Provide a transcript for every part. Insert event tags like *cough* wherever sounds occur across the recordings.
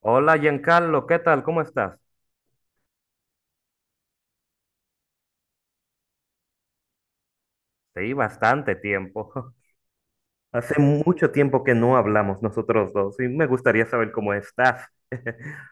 Hola Giancarlo, ¿qué tal? ¿Cómo estás? Sí, bastante tiempo. *laughs* Hace mucho tiempo que no hablamos nosotros dos y me gustaría saber cómo estás. *laughs*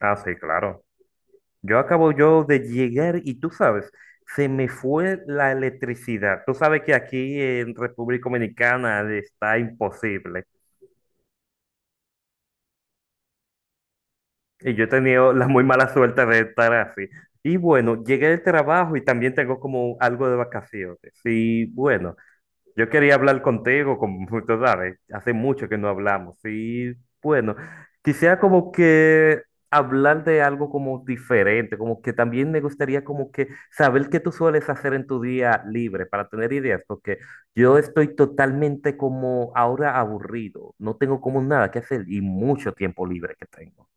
Ah, sí, claro. Yo acabo yo de llegar y tú sabes, se me fue la electricidad. Tú sabes que aquí en República Dominicana está imposible. Y yo he tenido la muy mala suerte de estar así. Y bueno, llegué del trabajo y también tengo como algo de vacaciones. Y bueno. Yo quería hablar contigo, como *laughs* tú sabes, hace mucho que no hablamos. Y bueno, quisiera como que hablar de algo como diferente, como que también me gustaría como que saber qué tú sueles hacer en tu día libre para tener ideas, porque yo estoy totalmente como ahora aburrido, no tengo como nada que hacer y mucho tiempo libre que tengo.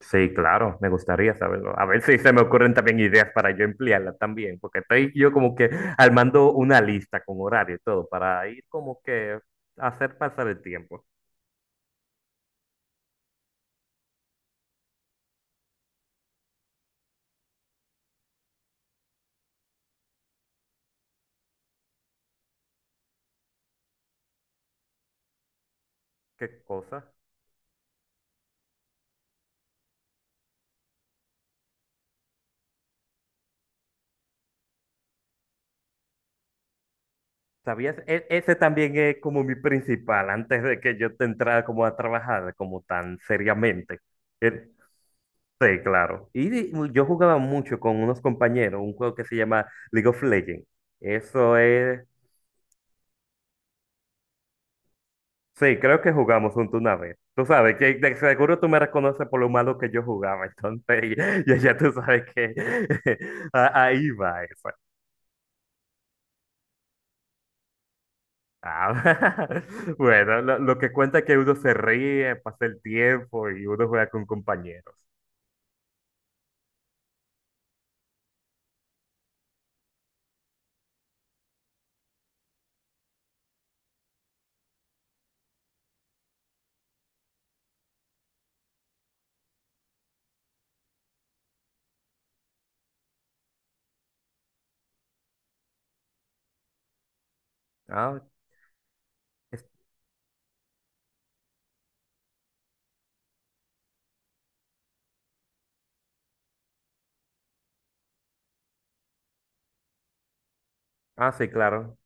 Sí, claro, me gustaría saberlo. A ver si se me ocurren también ideas para yo emplearla también, porque estoy yo como que armando una lista con horario y todo para ir como que hacer pasar el tiempo. ¿Qué cosa? ¿Sabías? Ese también es como mi principal antes de que yo te entrara como a trabajar como tan seriamente. El- Sí, claro. Y yo jugaba mucho con unos compañeros, un juego que se llama League of Legends. Eso es. Sí, creo que jugamos juntos una vez. Tú sabes que de seguro tú me reconoces por lo malo que yo jugaba, entonces *laughs* ya tú sabes que *laughs* ahí va eso. Ah, *laughs* bueno, lo que cuenta es que uno se ríe, pasa el tiempo y uno juega con compañeros. Ah, es- sí, claro.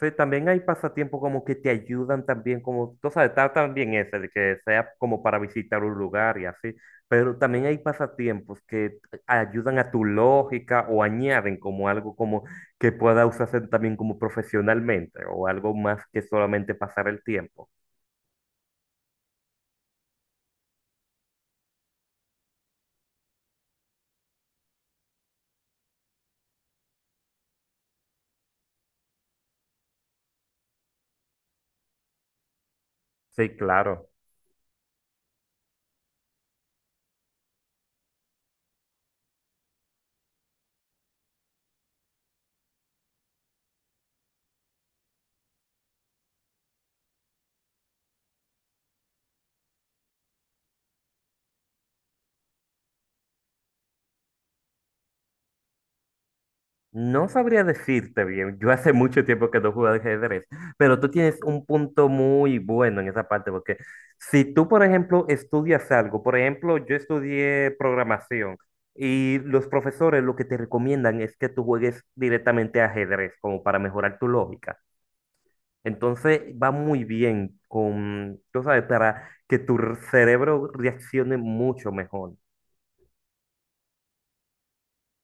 Sí, también hay pasatiempos como que te ayudan también, como, tú sabes, está también ese, de que sea como para visitar un lugar y así, pero también hay pasatiempos que ayudan a tu lógica o añaden como algo como que pueda usarse también como profesionalmente o algo más que solamente pasar el tiempo. Sí, claro. No sabría decirte bien, yo hace mucho tiempo que no juego al ajedrez, pero tú tienes un punto muy bueno en esa parte, porque si tú, por ejemplo, estudias algo, por ejemplo, yo estudié programación y los profesores lo que te recomiendan es que tú juegues directamente a ajedrez, como para mejorar tu lógica. Entonces va muy bien con, tú sabes, para que tu cerebro reaccione mucho mejor.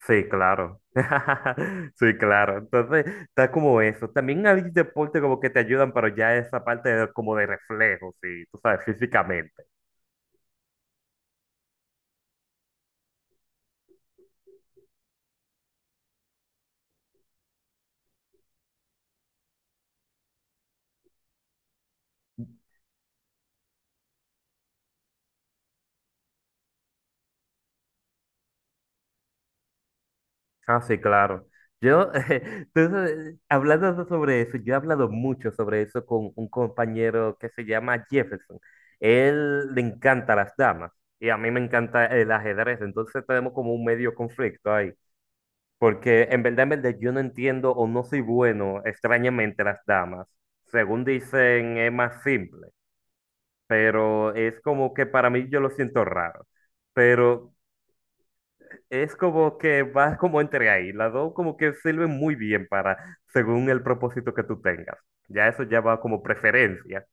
Sí, claro. *laughs* Sí, claro. Entonces, está como eso. También hay deportes como que te ayudan, pero ya esa como de reflejos, sí, tú sabes, físicamente. Ah, sí, claro. Yo, *laughs* entonces, hablando sobre eso, yo he hablado mucho sobre eso con un compañero que se llama Jefferson. Él le encanta las damas y a mí me encanta el ajedrez, entonces tenemos como un medio conflicto ahí. Porque en verdad, yo no entiendo o no soy bueno, extrañamente, las damas. Según dicen, es más simple, pero es como que para mí yo lo siento raro. Pero es como que va como entre ahí. Las dos como que sirven muy bien para, según el propósito que tú tengas. Ya eso ya va como preferencia.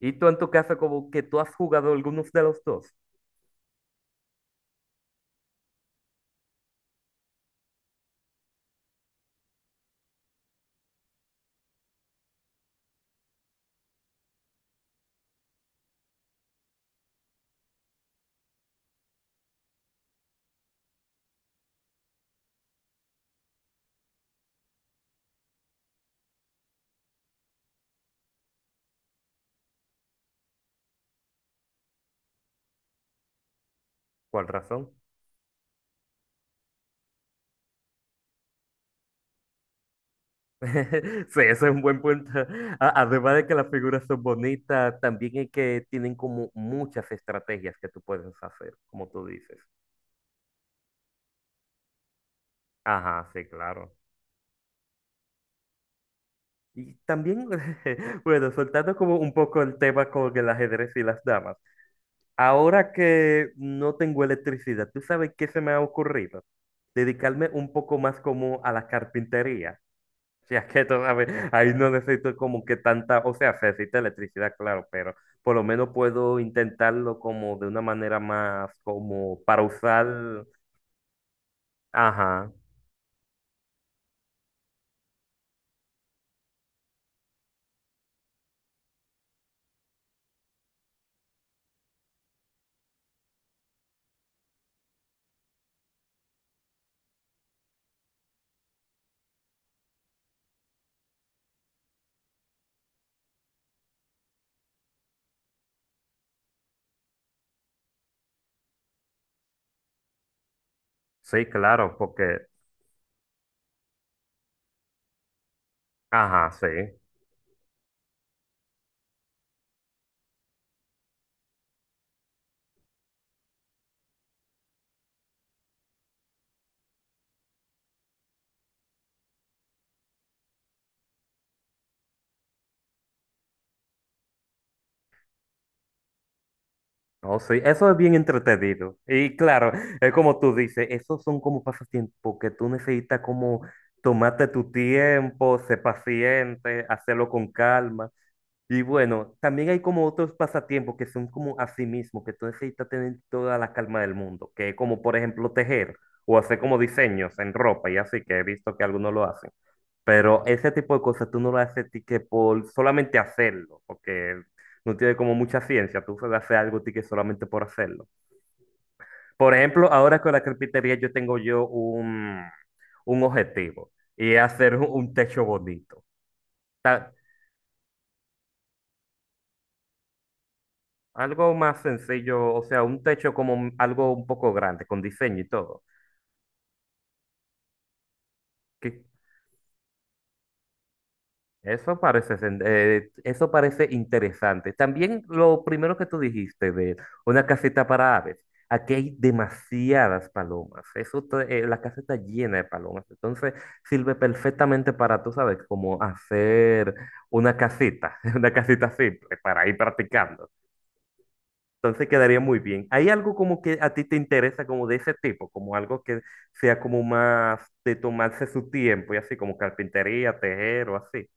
Y tú en tu caso, como que tú has jugado algunos de los dos. ¿Cuál razón? *laughs* Sí, ese es un buen punto. Además de que las figuras son bonitas, también es que tienen como muchas estrategias que tú puedes hacer, como tú dices. Ajá, sí, claro. Y también, *laughs* bueno, soltando como un poco el tema con el ajedrez y las damas. Ahora que no tengo electricidad, ¿tú sabes qué se me ha ocurrido? Dedicarme un poco más como a la carpintería. Si es que todavía ahí no necesito como que tanta, o sea, se necesita electricidad, claro, pero por lo menos puedo intentarlo como de una manera más como para usar, ajá, sí, claro, porque, ajá, sí, no, sí, eso es bien entretenido. Y claro, es como tú dices, esos son como pasatiempos que tú necesitas como tomarte tu tiempo, ser paciente, hacerlo con calma. Y bueno, también hay como otros pasatiempos que son como a sí mismo, que tú necesitas tener toda la calma del mundo, que es como por ejemplo tejer o hacer como diseños en ropa y así, que he visto que algunos lo hacen. Pero ese tipo de cosas tú no lo haces ti que por solamente hacerlo, porque no tiene como mucha ciencia, tú solo haces algo ti que solamente por hacerlo. Por ejemplo, ahora con la carpintería yo tengo yo un objetivo y es hacer un techo bonito. Ta- Algo más sencillo, o sea, un techo como algo un poco grande, con diseño y todo. Que eso parece, eso parece interesante. También lo primero que tú dijiste de una casita para aves. Aquí hay demasiadas palomas. La casa está llena de palomas. Entonces sirve perfectamente para, tú sabes, como hacer una casita, *laughs* una casita simple para ir practicando. Entonces quedaría muy bien. ¿Hay algo como que a ti te interesa como de ese tipo? Como algo que sea como más de tomarse su tiempo y así como carpintería, tejer o así.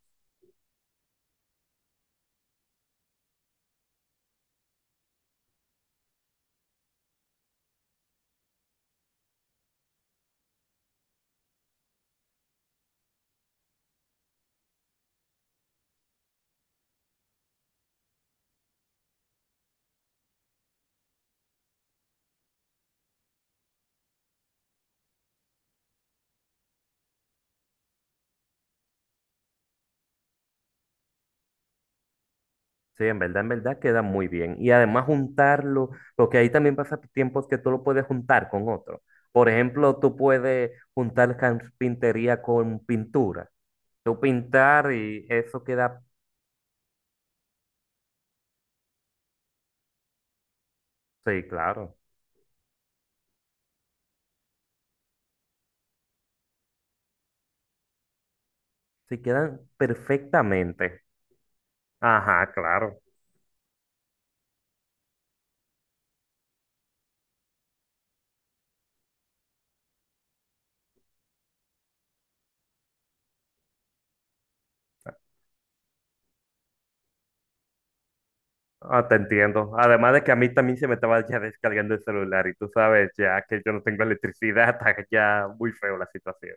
Sí, en verdad queda muy bien. Y además juntarlo, porque ahí también pasa tiempos que tú lo puedes juntar con otro. Por ejemplo, tú puedes juntar carpintería con pintura. Tú pintar y eso queda, sí, claro. Sí, quedan perfectamente. Ajá, claro. Ah, te entiendo. Además de que a mí también se me estaba ya descargando el celular y tú sabes ya que yo no tengo electricidad, *laughs* está ya muy feo la situación.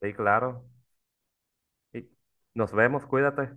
Sí, claro. Y nos vemos, cuídate.